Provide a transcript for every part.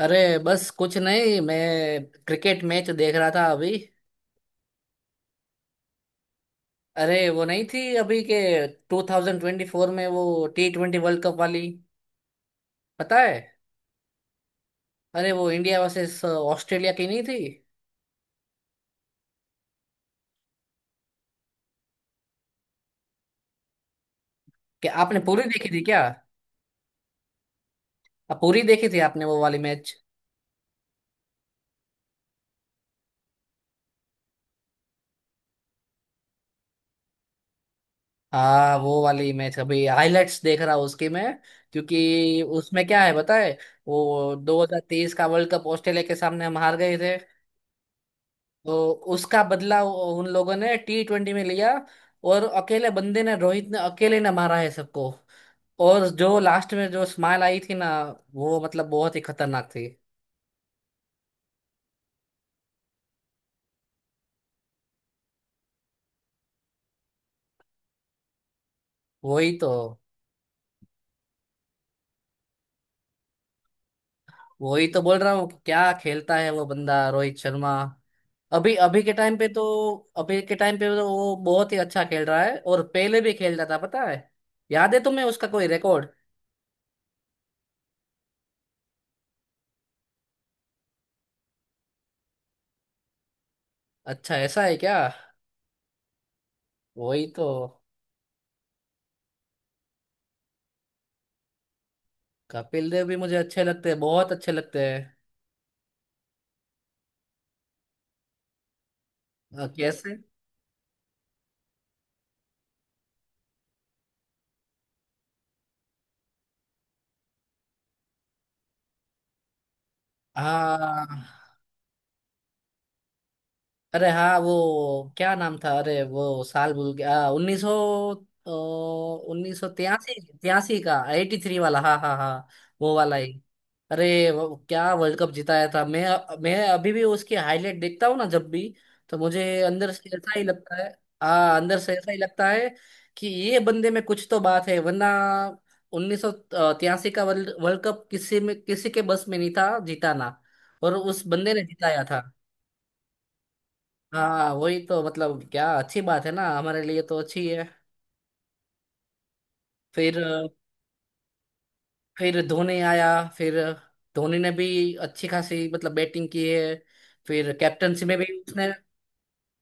अरे बस कुछ नहीं, मैं क्रिकेट मैच देख रहा था अभी। अरे वो नहीं थी, अभी के 2024 में वो टी ट्वेंटी वर्ल्ड कप वाली, पता है। अरे वो इंडिया वर्सेस ऑस्ट्रेलिया की नहीं थी? कि आपने पूरी देखी थी क्या? आप पूरी देखी थी आपने वो वाली मैच? हाँ, वो वाली मैच अभी हाइलाइट्स देख रहा हूँ उसकी मैं, क्योंकि उसमें क्या है पता है, वो 2023 का वर्ल्ड कप ऑस्ट्रेलिया के सामने हम हार गए थे। तो उसका बदला उन लोगों ने टी ट्वेंटी में लिया। और अकेले बंदे ने, रोहित ने, अकेले ने मारा है सबको। और जो लास्ट में जो स्माइल आई थी ना, वो मतलब बहुत ही खतरनाक थी। वही तो। वही तो बोल रहा हूँ कि क्या खेलता है वो बंदा, रोहित शर्मा। अभी अभी के टाइम पे तो, अभी के टाइम पे तो वो बहुत ही अच्छा खेल रहा है, और पहले भी खेलता था, पता है। याद है तुम्हें उसका कोई रिकॉर्ड? अच्छा, ऐसा है क्या? वही तो। कपिल देव भी मुझे अच्छे लगते हैं, बहुत अच्छे लगते हैं। कैसे? हाँ। अरे हाँ, वो क्या नाम था? अरे वो साल भूल गया, उन्नीस सौ, उन्नीस सौ तिरासी। तिरासी का, एटी थ्री वाला, हाँ हाँ हाँ। वो वाला ही। अरे वो क्या वर्ल्ड कप जिताया था! मैं अभी भी उसकी हाईलाइट देखता हूँ ना जब भी, तो मुझे अंदर से ऐसा ही लगता है। हाँ, अंदर से ऐसा ही लगता है कि ये बंदे में कुछ तो बात है, वरना उन्नीस सौ तिरासी का वर्ल्ड वर्ल्ड कप किसी में, किसी के बस में नहीं था जिताना, और उस बंदे ने जिताया था। हाँ वही तो, मतलब क्या अच्छी बात है ना, हमारे लिए तो अच्छी है। फिर, धोनी आया। फिर धोनी ने भी अच्छी खासी मतलब बैटिंग की है। फिर कैप्टनसी में भी उसने,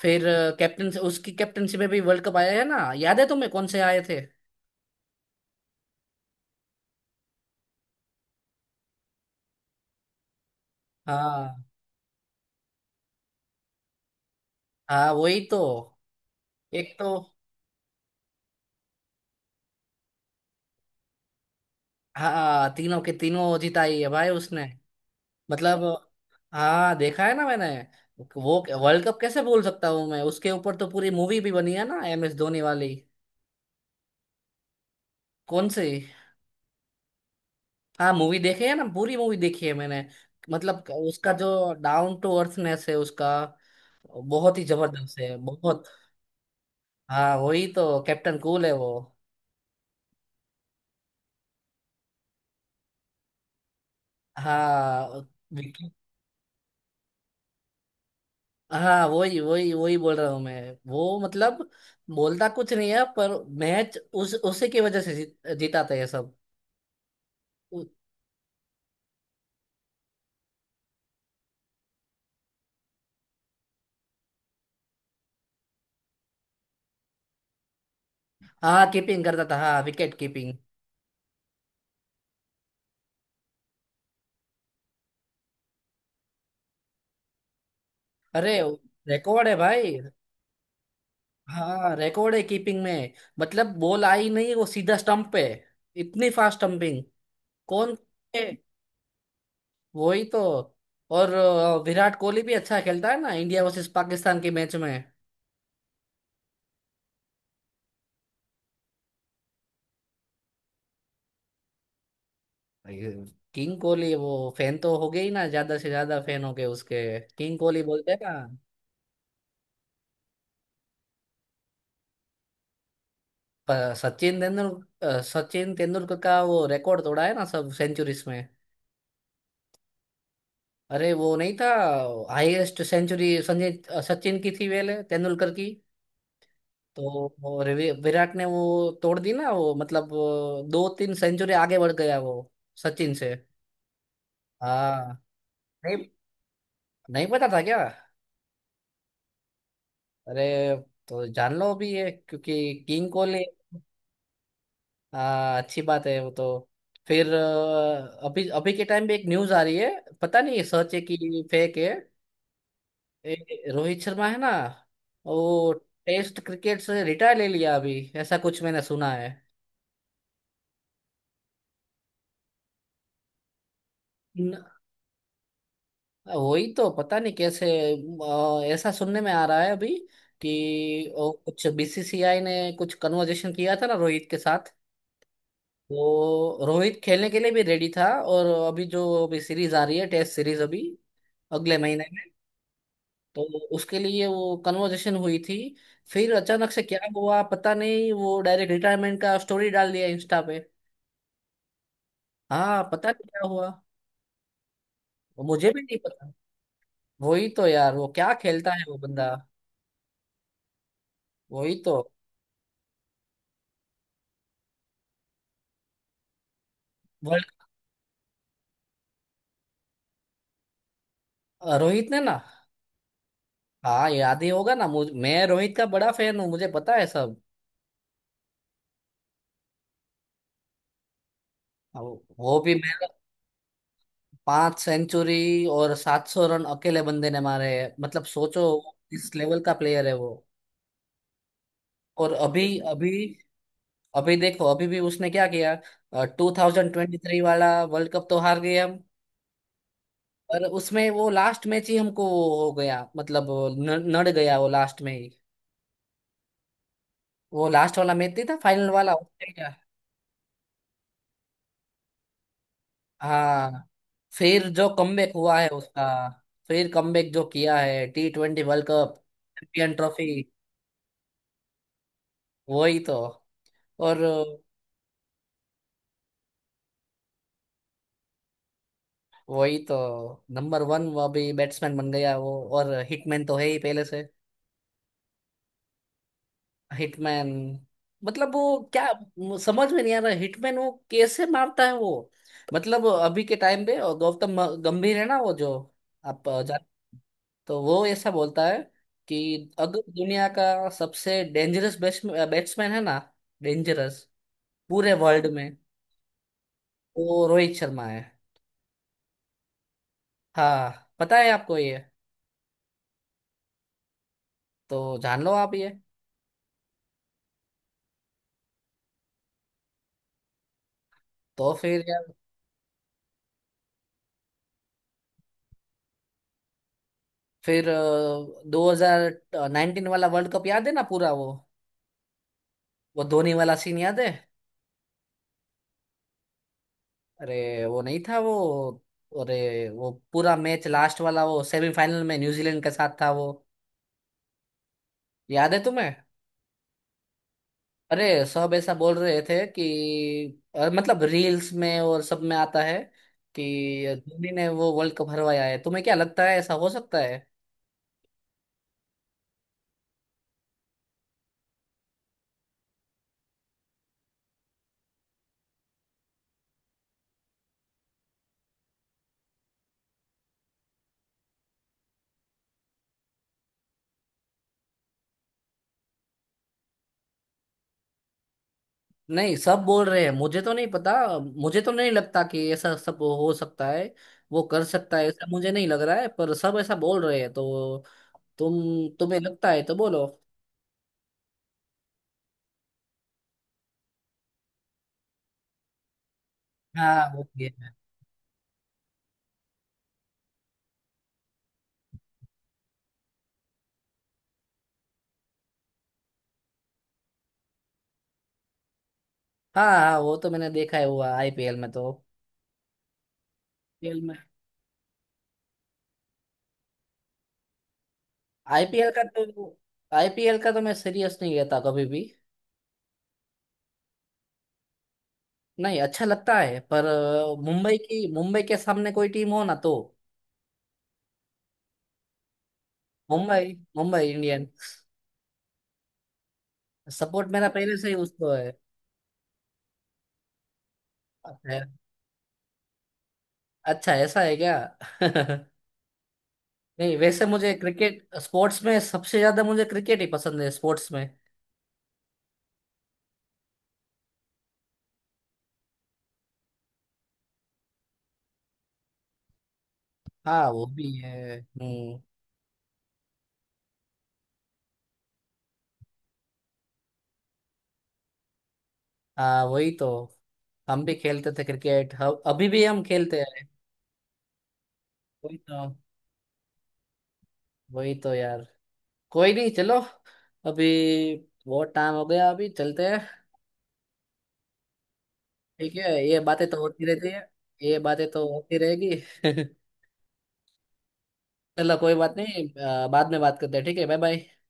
फिर कैप्टन, उसकी कैप्टनसी में भी वर्ल्ड कप आया है ना, याद है तुम्हें कौन से आए थे? हाँ। हाँ वही तो, एक तो। हाँ तीनों के तीनों जिताई है भाई उसने, मतलब। हाँ देखा है ना मैंने। वो वर्ल्ड कप कैसे बोल सकता हूँ मैं, उसके ऊपर तो पूरी मूवी भी बनी है ना, एम एस धोनी वाली। कौन सी? हाँ, मूवी देखे है ना, पूरी मूवी देखी है मैंने। मतलब उसका जो डाउन टू अर्थनेस है उसका, बहुत ही जबरदस्त है, बहुत। हाँ, वही तो कैप्टन कूल है वो। हाँ। विक्की। हाँ, वही वही वही बोल रहा हूँ मैं, वो मतलब बोलता कुछ नहीं है, पर मैच उस उसी की वजह से जीत, जिताते हैं सब। उ- हाँ कीपिंग करता था, हाँ विकेट कीपिंग। अरे रिकॉर्ड है भाई। हाँ रिकॉर्ड है कीपिंग में। मतलब बॉल आई नहीं, वो सीधा स्टंप पे, इतनी फास्ट स्टंपिंग। कौन? है। वही तो। और विराट कोहली भी अच्छा खेलता है ना इंडिया वर्सेस पाकिस्तान के मैच में। किंग कोहली वो, फैन तो हो गए ही ना, ज्यादा से ज्यादा फैन हो गए उसके, किंग कोहली बोलते हैं ना। सचिन तेंदुलकर, सचिन तेंदुलकर का वो रिकॉर्ड तोड़ा है ना सब सेंचुरीज में। अरे वो नहीं था, हाईएस्ट सेंचुरी संजय, सचिन की थी पहले, तेंदुलकर की। तो वो विराट ने वो तोड़ दी ना वो, मतलब वो दो तीन सेंचुरी आगे बढ़ गया वो, सचिन से। हाँ। नहीं, नहीं पता था क्या? अरे तो जान लो अभी ये, क्योंकि किंग कोहली। हाँ अच्छी बात है वो तो। फिर अभी अभी के टाइम पे एक न्यूज आ रही है, पता नहीं ये सच है कि फेक है। ए, रोहित शर्मा है ना वो, टेस्ट क्रिकेट से रिटायर ले लिया अभी। ऐसा कुछ मैंने सुना है। वही तो पता नहीं कैसे, ऐसा सुनने में आ रहा है अभी कि कुछ बीसीसीआई ने कुछ कन्वर्जेशन किया था ना रोहित के साथ। तो रोहित खेलने के लिए भी रेडी था, और अभी जो अभी सीरीज आ रही है, टेस्ट सीरीज, अभी अगले महीने में, तो उसके लिए वो कन्वर्जेशन हुई थी। फिर अचानक से क्या हुआ पता नहीं, वो डायरेक्ट रिटायरमेंट का स्टोरी डाल दिया इंस्टा पे। हाँ पता नहीं क्या हुआ। मुझे भी नहीं पता। वही तो यार, वो क्या खेलता है वो बंदा। वही तो। वर्ल्ड, रोहित ने ना? हाँ याद ही होगा ना, मुझ मैं रोहित का बड़ा फैन हूँ, मुझे पता है सब। अब वो भी मेरा, पांच सेंचुरी और सात सौ रन अकेले बंदे ने मारे हैं, मतलब सोचो किस लेवल का प्लेयर है वो। और अभी अभी, अभी देखो अभी भी उसने क्या किया। टू थाउजेंड ट्वेंटी थ्री वाला वर्ल्ड कप तो हार गए हम, पर उसमें वो लास्ट मैच ही हमको हो गया, मतलब नड़ गया वो लास्ट में ही। वो लास्ट वाला मैच नहीं था, फाइनल वाला? हाँ। फिर जो कमबैक हुआ है उसका, फिर कमबैक जो किया है, T twenty world cup, champion trophy, वही तो। और वही तो। नंबर वन वो अभी बैट्समैन बन गया वो, और हिटमैन तो है ही पहले से। हिटमैन, मतलब वो क्या, समझ में नहीं आ रहा है, हिटमैन वो कैसे मारता है वो। मतलब अभी के टाइम पे, और गौतम गंभीर है ना वो जो, आप, तो वो ऐसा बोलता है कि अगर दुनिया का सबसे डेंजरस बैट्समैन है ना, डेंजरस पूरे वर्ल्ड में, वो रोहित शर्मा है। हाँ पता है आपको ये? तो जान लो आप ये। तो फिर यार, फिर दो हजार नाइनटीन वाला वर्ल्ड कप याद है ना पूरा वो धोनी वाला सीन याद है? अरे वो नहीं था वो, अरे वो पूरा मैच लास्ट वाला वो सेमीफाइनल में न्यूजीलैंड के साथ था वो, याद है तुम्हें? अरे सब ऐसा बोल रहे थे कि मतलब रील्स में और सब में आता है कि धोनी ने वो वर्ल्ड कप हरवाया है। तुम्हें क्या लगता है, ऐसा हो सकता है? नहीं सब बोल रहे हैं, मुझे तो नहीं पता। मुझे तो नहीं लगता कि ऐसा सब हो सकता है। वो कर सकता है ऐसा, मुझे नहीं लग रहा है, पर सब ऐसा बोल रहे हैं तो। तुम तुम्हें लगता है तो बोलो। हाँ वो भी है। हाँ हाँ वो तो मैंने देखा है, हुआ आईपीएल में तो। आईपीएल में, आईपीएल का तो, आईपीएल का तो मैं सीरियस नहीं लेता कभी भी। नहीं अच्छा लगता है, पर मुंबई की, मुंबई के सामने कोई टीम हो ना तो। मुंबई, मुंबई इंडियन। सपोर्ट मेरा पहले से ही उसको है। अच्छा। अच्छा, ऐसा है क्या? नहीं वैसे मुझे क्रिकेट, स्पोर्ट्स में सबसे ज्यादा मुझे क्रिकेट ही पसंद है स्पोर्ट्स में। हाँ वो भी है, हम्म। हाँ वही तो। हम भी खेलते थे क्रिकेट, हम अभी भी हम खेलते हैं। वही तो। वही तो यार, कोई नहीं, चलो अभी बहुत टाइम हो गया, अभी चलते हैं। ठीक है, ये बातें तो होती रहती है। ये बातें तो होती रहेगी। चलो कोई बात नहीं, बाद में बात करते हैं, ठीक है, बाय बाय।